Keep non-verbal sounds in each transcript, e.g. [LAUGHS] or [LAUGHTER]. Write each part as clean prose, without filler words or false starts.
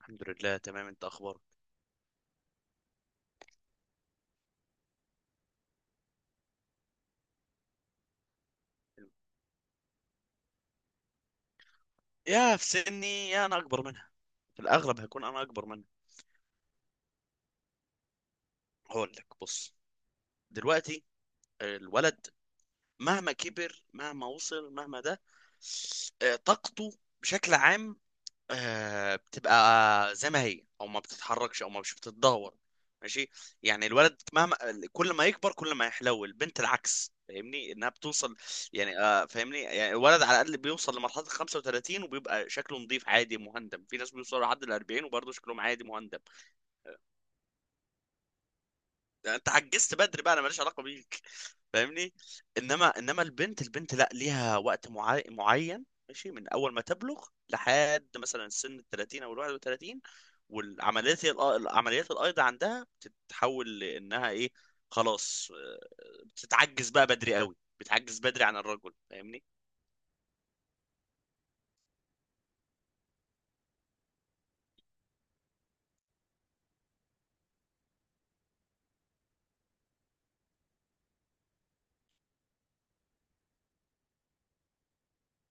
الحمد لله تمام، انت اخبارك؟ يا في سني يا انا اكبر منها. في الاغلب هكون انا اكبر منها. هقول لك، بص. دلوقتي الولد مهما كبر مهما وصل مهما ده طاقته بشكل عام بتبقى زي ما هي، او ما بتتحركش، او ما مش بتتدهور. ماشي. يعني الولد مهما كل ما يكبر كل ما يحلو، البنت العكس، فاهمني؟ انها بتوصل، يعني فاهمني؟ يعني الولد على الاقل بيوصل لمرحله ال 35 وبيبقى شكله نظيف عادي مهندم. في ناس بيوصلوا لحد ال 40 وبرضه شكلهم عادي مهندم. يعني انت عجزت بدري بقى، انا ماليش علاقه بيك. فاهمني؟ انما البنت، لا، ليها وقت معين، ماشي، من اول ما تبلغ لحد مثلا سن ال 30 او ال 31، والعمليات الايض عندها بتتحول لانها ايه؟ خلاص بتتعجز بقى بدري قوي، بتعجز بدري عن الرجل، فاهمني؟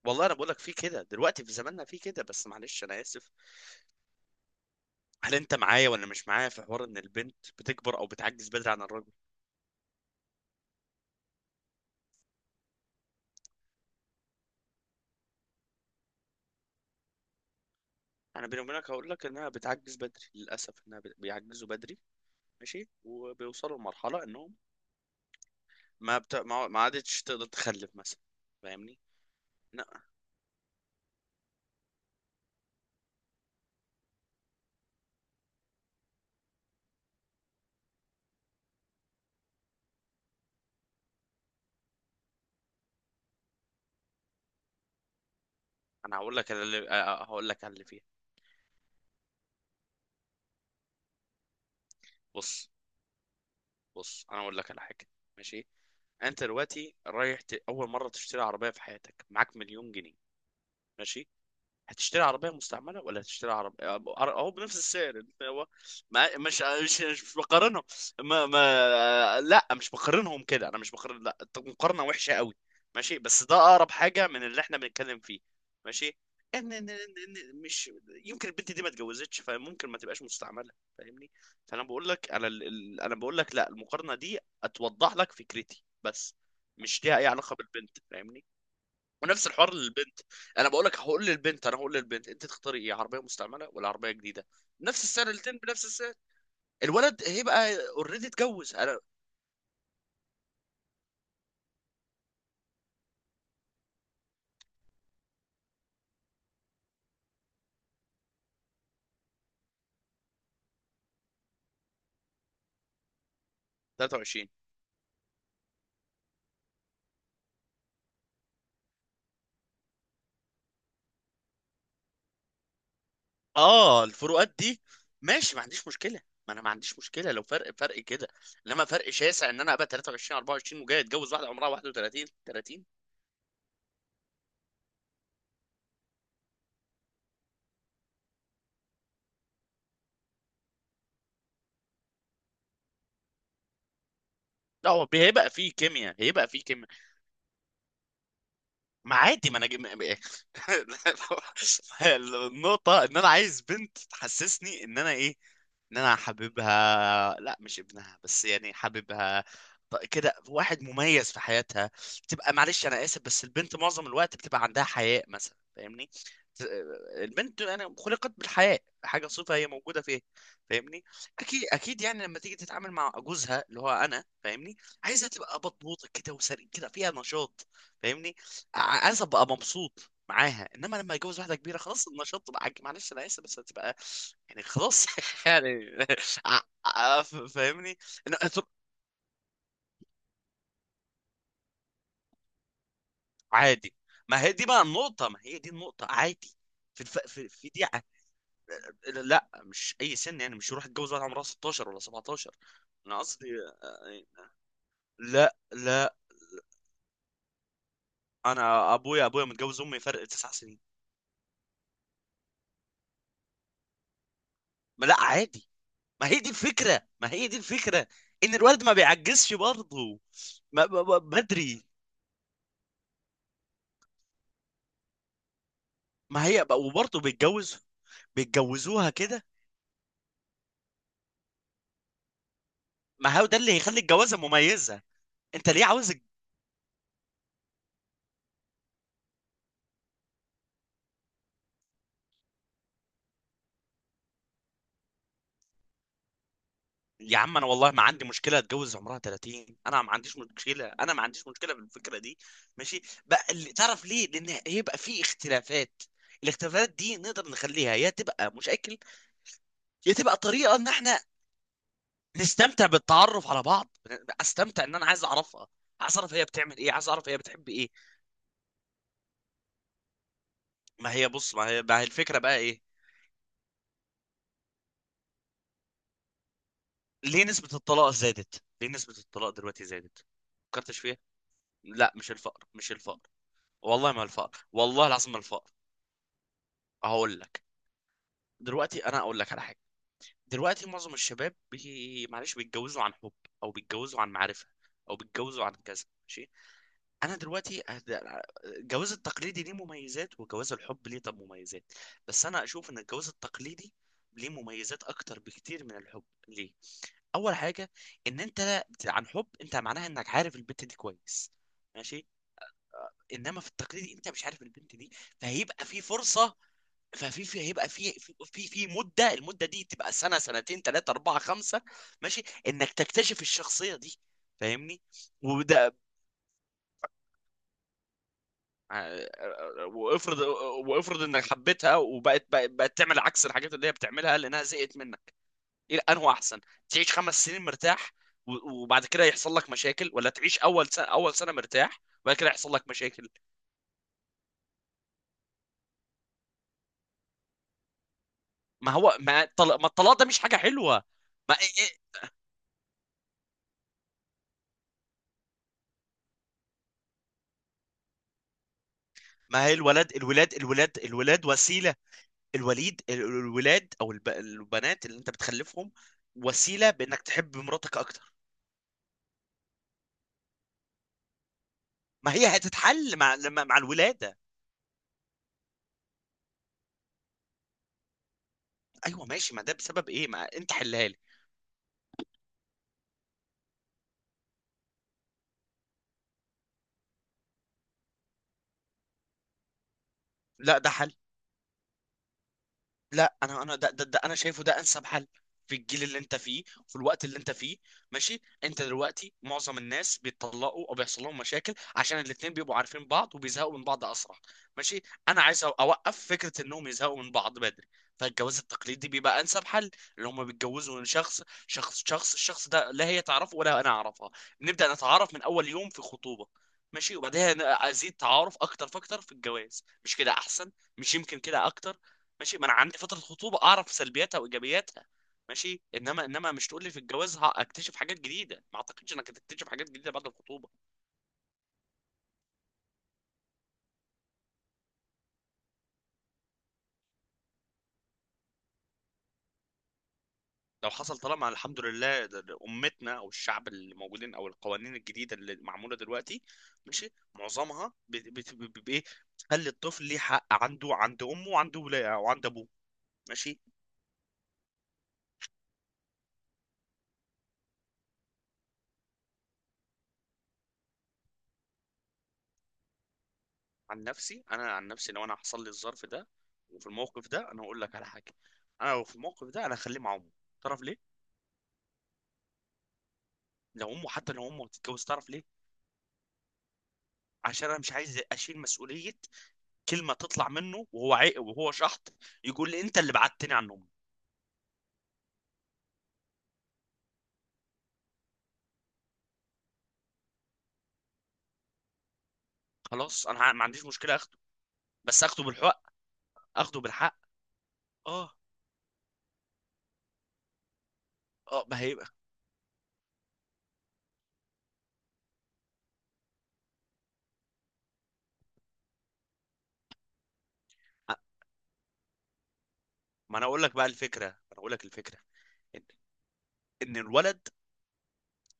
والله انا بقول لك في كده دلوقتي، في زماننا في كده، بس معلش انا اسف، هل انت معايا ولا مش معايا في حوار ان البنت بتكبر او بتعجز بدري عن الرجل؟ انا بيني وبينك هقول لك انها بتعجز بدري، للاسف انها بيعجزوا بدري. ماشي، وبيوصلوا لمرحله انهم ما بت... ما ما عادتش تقدر تخلف مثلا، فاهمني؟ لا، انا هقول لك على اللي هقول لك على اللي فيها. بص، انا هقول لك على حاجه، ماشي. انت دلوقتي رايح اول مره تشتري عربيه في حياتك، معاك مليون جنيه، ماشي، هتشتري عربية مستعملة ولا هتشتري عربية هو بنفس السعر، انت هو ما مش مش مش بقارنهم. ما ما لا، مش بقارنهم كده، انا مش بقارن، لا، مقارنة وحشة قوي، ماشي، بس ده اقرب حاجة من اللي احنا بنتكلم فيه. ماشي، مش يمكن البنت دي ما اتجوزتش، فممكن ما تبقاش مستعملة، فاهمني؟ فانا بقول لك، انا بقول لك لا، المقارنة دي اتوضح لك فكرتي بس، مش ليها اي علاقة بالبنت، فاهمني؟ ونفس الحوار للبنت. انا بقول لك، هقول للبنت انت تختاري ايه، عربيه مستعمله ولا عربيه جديده؟ نفس السعر الاثنين بنفس السعر. الولد هيبقى اوريدي اتجوز انا. 23. اه، الفروقات دي ماشي، ما عنديش مشكله، ما انا ما عنديش مشكله لو فرق فرق كده. انما فرق شاسع ان انا ابقى 23 24 وجاي اتجوز واحده عمرها 31 30، لا. هو هيبقى في كيمياء، هيبقى في كيمياء، ما عادي، ما انا جم... [LAUGHS] النقطة ان انا عايز بنت تحسسني ان انا ايه، ان انا حاببها، لا مش ابنها، بس يعني حاببها. كده واحد مميز في حياتها. تبقى معلش انا اسف بس البنت معظم الوقت بتبقى عندها حياء مثلا، فاهمني؟ ت- البنت انا خلقت بالحياء، حاجة صفة هي موجودة فيها، فاهمني؟ اكيد، يعني لما تيجي تتعامل مع جوزها اللي هو انا، فاهمني؟ عايزها تبقى بطبوطة كده، وسريع كده، فيها نشاط، فاهمني؟ عايز ابقى مبسوط معاها، انما لما اتجوز واحده كبيره، خلاص النشاط بقى معلش انا اسف بس هتبقى يعني خلاص [LAUGHS] يعني. ع- فاهمني؟ هتبقى عادي. ما هي دي بقى النقطه، ما هي دي النقطه عادي. في الف... في في دي ع- لا، مش اي سن، يعني مش يروح يتجوز واحده عمرها 16 ولا 17. انا قصدي يعني لا، انا ابويا متجوز امي فرق تسع سنين. ما لا عادي. ما هي دي الفكرة، ان الولد ما بيعجزش برضه بدري. ما هي وبرضه بيتجوز، بيتجوزوها كده. ما هو ده اللي هيخلي الجوازة مميزة. انت ليه عاوز يا عم انا والله ما عندي مشكلة اتجوز عمرها 30، انا ما عنديش مشكلة، انا ما عنديش مشكلة بالفكرة دي. ماشي بقى؟ اللي تعرف ليه، لان هيبقى في اختلافات، الاختلافات دي نقدر نخليها يا تبقى مشاكل، يا تبقى طريقة ان احنا نستمتع بالتعرف على بعض. استمتع، ان انا عايز اعرفها، عايز اعرف هي بتعمل ايه، عايز اعرف هي بتحب ايه. ما هي بص، ما هي الفكره بقى ايه؟ ليه نسبه الطلاق زادت؟ ليه نسبه الطلاق دلوقتي زادت؟ فكرتش فيها؟ لا، مش الفقر، والله ما الفقر، والله العظيم ما الفقر. هقول لك، دلوقتي انا اقول لك على حاجه. دلوقتي معظم الشباب معلش بيتجوزوا عن حب، او بيتجوزوا عن معرفه، او بيتجوزوا عن كذا، ماشي. انا دلوقتي الجواز التقليدي ليه مميزات، وجواز الحب ليه طب مميزات، بس انا اشوف ان الجواز التقليدي ليه مميزات اكتر بكتير من الحب ليه. اول حاجه، ان انت عن حب، انت معناها انك عارف البنت دي كويس، ماشي، انما في التقليدي انت مش عارف البنت دي، فهيبقى في فرصه، ففي في هيبقى في في في في مده، المده دي تبقى سنه، سنتين، ثلاثه، اربعه، خمسه، ماشي، انك تكتشف الشخصيه دي، فاهمني؟ وده وافرض، انك حبيتها وبقت، بقت تعمل عكس الحاجات اللي هي بتعملها لانها زهقت منك. ايه انه احسن؟ تعيش خمس سنين مرتاح وبعد كده يحصل لك مشاكل، ولا تعيش اول سنه، اول سنه مرتاح وبعد كده يحصل لك مشاكل؟ ما هو ما الطلاق ما الطلاق ده مش حاجه حلوه. ما إيه، ما هي الولد، الولاد وسيله. الوليد، الولاد او البنات اللي انت بتخلفهم وسيله بانك تحب مراتك اكتر. ما هي هتتحل مع مع الولاده. ايوه ماشي، ما ده بسبب ايه؟ ما انت حلها لي. لا، ده حل. لا، انا ده انا شايفه ده انسب حل في الجيل اللي انت فيه، في الوقت اللي انت فيه، ماشي. انت دلوقتي معظم الناس بيتطلقوا او بيحصل لهم مشاكل عشان الاتنين بيبقوا عارفين بعض وبيزهقوا من بعض اسرع، ماشي. انا عايز اوقف فكرة انهم يزهقوا من بعض بدري، فالجواز التقليدي بيبقى انسب حل. اللي هم بيتجوزوا من شخص، الشخص ده لا هي تعرفه ولا انا اعرفها، بنبدأ نتعرف من اول يوم في خطوبة، ماشي، وبعدها ازيد تعارف اكتر فاكتر في الجواز، مش كده احسن؟ مش يمكن كده اكتر؟ ماشي، ما انا عندي فتره خطوبه اعرف سلبياتها وايجابياتها، ماشي. انما مش تقول لي في الجواز هكتشف حاجات جديده، ما اعتقدش انك هتكتشف حاجات جديده بعد الخطوبه. لو حصل، طالما الحمد لله ده امتنا، او الشعب اللي موجودين، او القوانين الجديده اللي معموله دلوقتي، ماشي، معظمها بايه، بتخلي الطفل ليه حق عنده عند امه وعند ولا وعند ابوه، ماشي. عن نفسي، لو انا حصل لي الظرف ده، وفي الموقف ده، انا هقول لك على حاجه. انا لو في الموقف ده انا هخليه مع امه، تعرف ليه؟ لو امه، حتى لو امه هتتجوز، تعرف ليه؟ عشان انا مش عايز اشيل مسؤوليه، كلمه تطلع منه وهو عيق وهو شحط يقول لي انت اللي بعدتني عن امي. خلاص، انا ما عنديش مشكله اخده، بس اخده بالحق، اخده بالحق اه. اه، ما هيبقى، ما انا اقول لك بقى الفكره، ما انا اقول لك الفكره ان ان الولد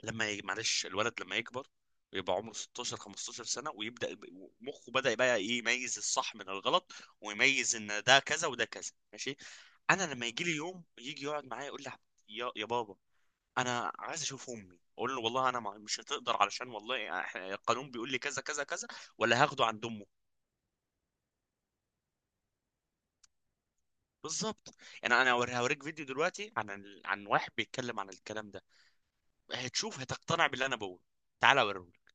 معلش الولد لما يكبر ويبقى عمره 16 15 سنة ويبدأ مخه بدأ بقى ايه يميز الصح من الغلط، ويميز ان ده كذا وده كذا، ماشي. انا لما يجي لي يوم يجي يقعد معايا يقول لي يا بابا، انا عايز اشوف امي، اقول له والله انا مش هتقدر، علشان والله إحنا القانون بيقول لي كذا كذا كذا، ولا هاخده عند امه؟ بالظبط. يعني انا هوريك فيديو دلوقتي عن عن واحد بيتكلم عن الكلام ده، هتشوف هتقتنع باللي انا بقوله، تعالى اوريك.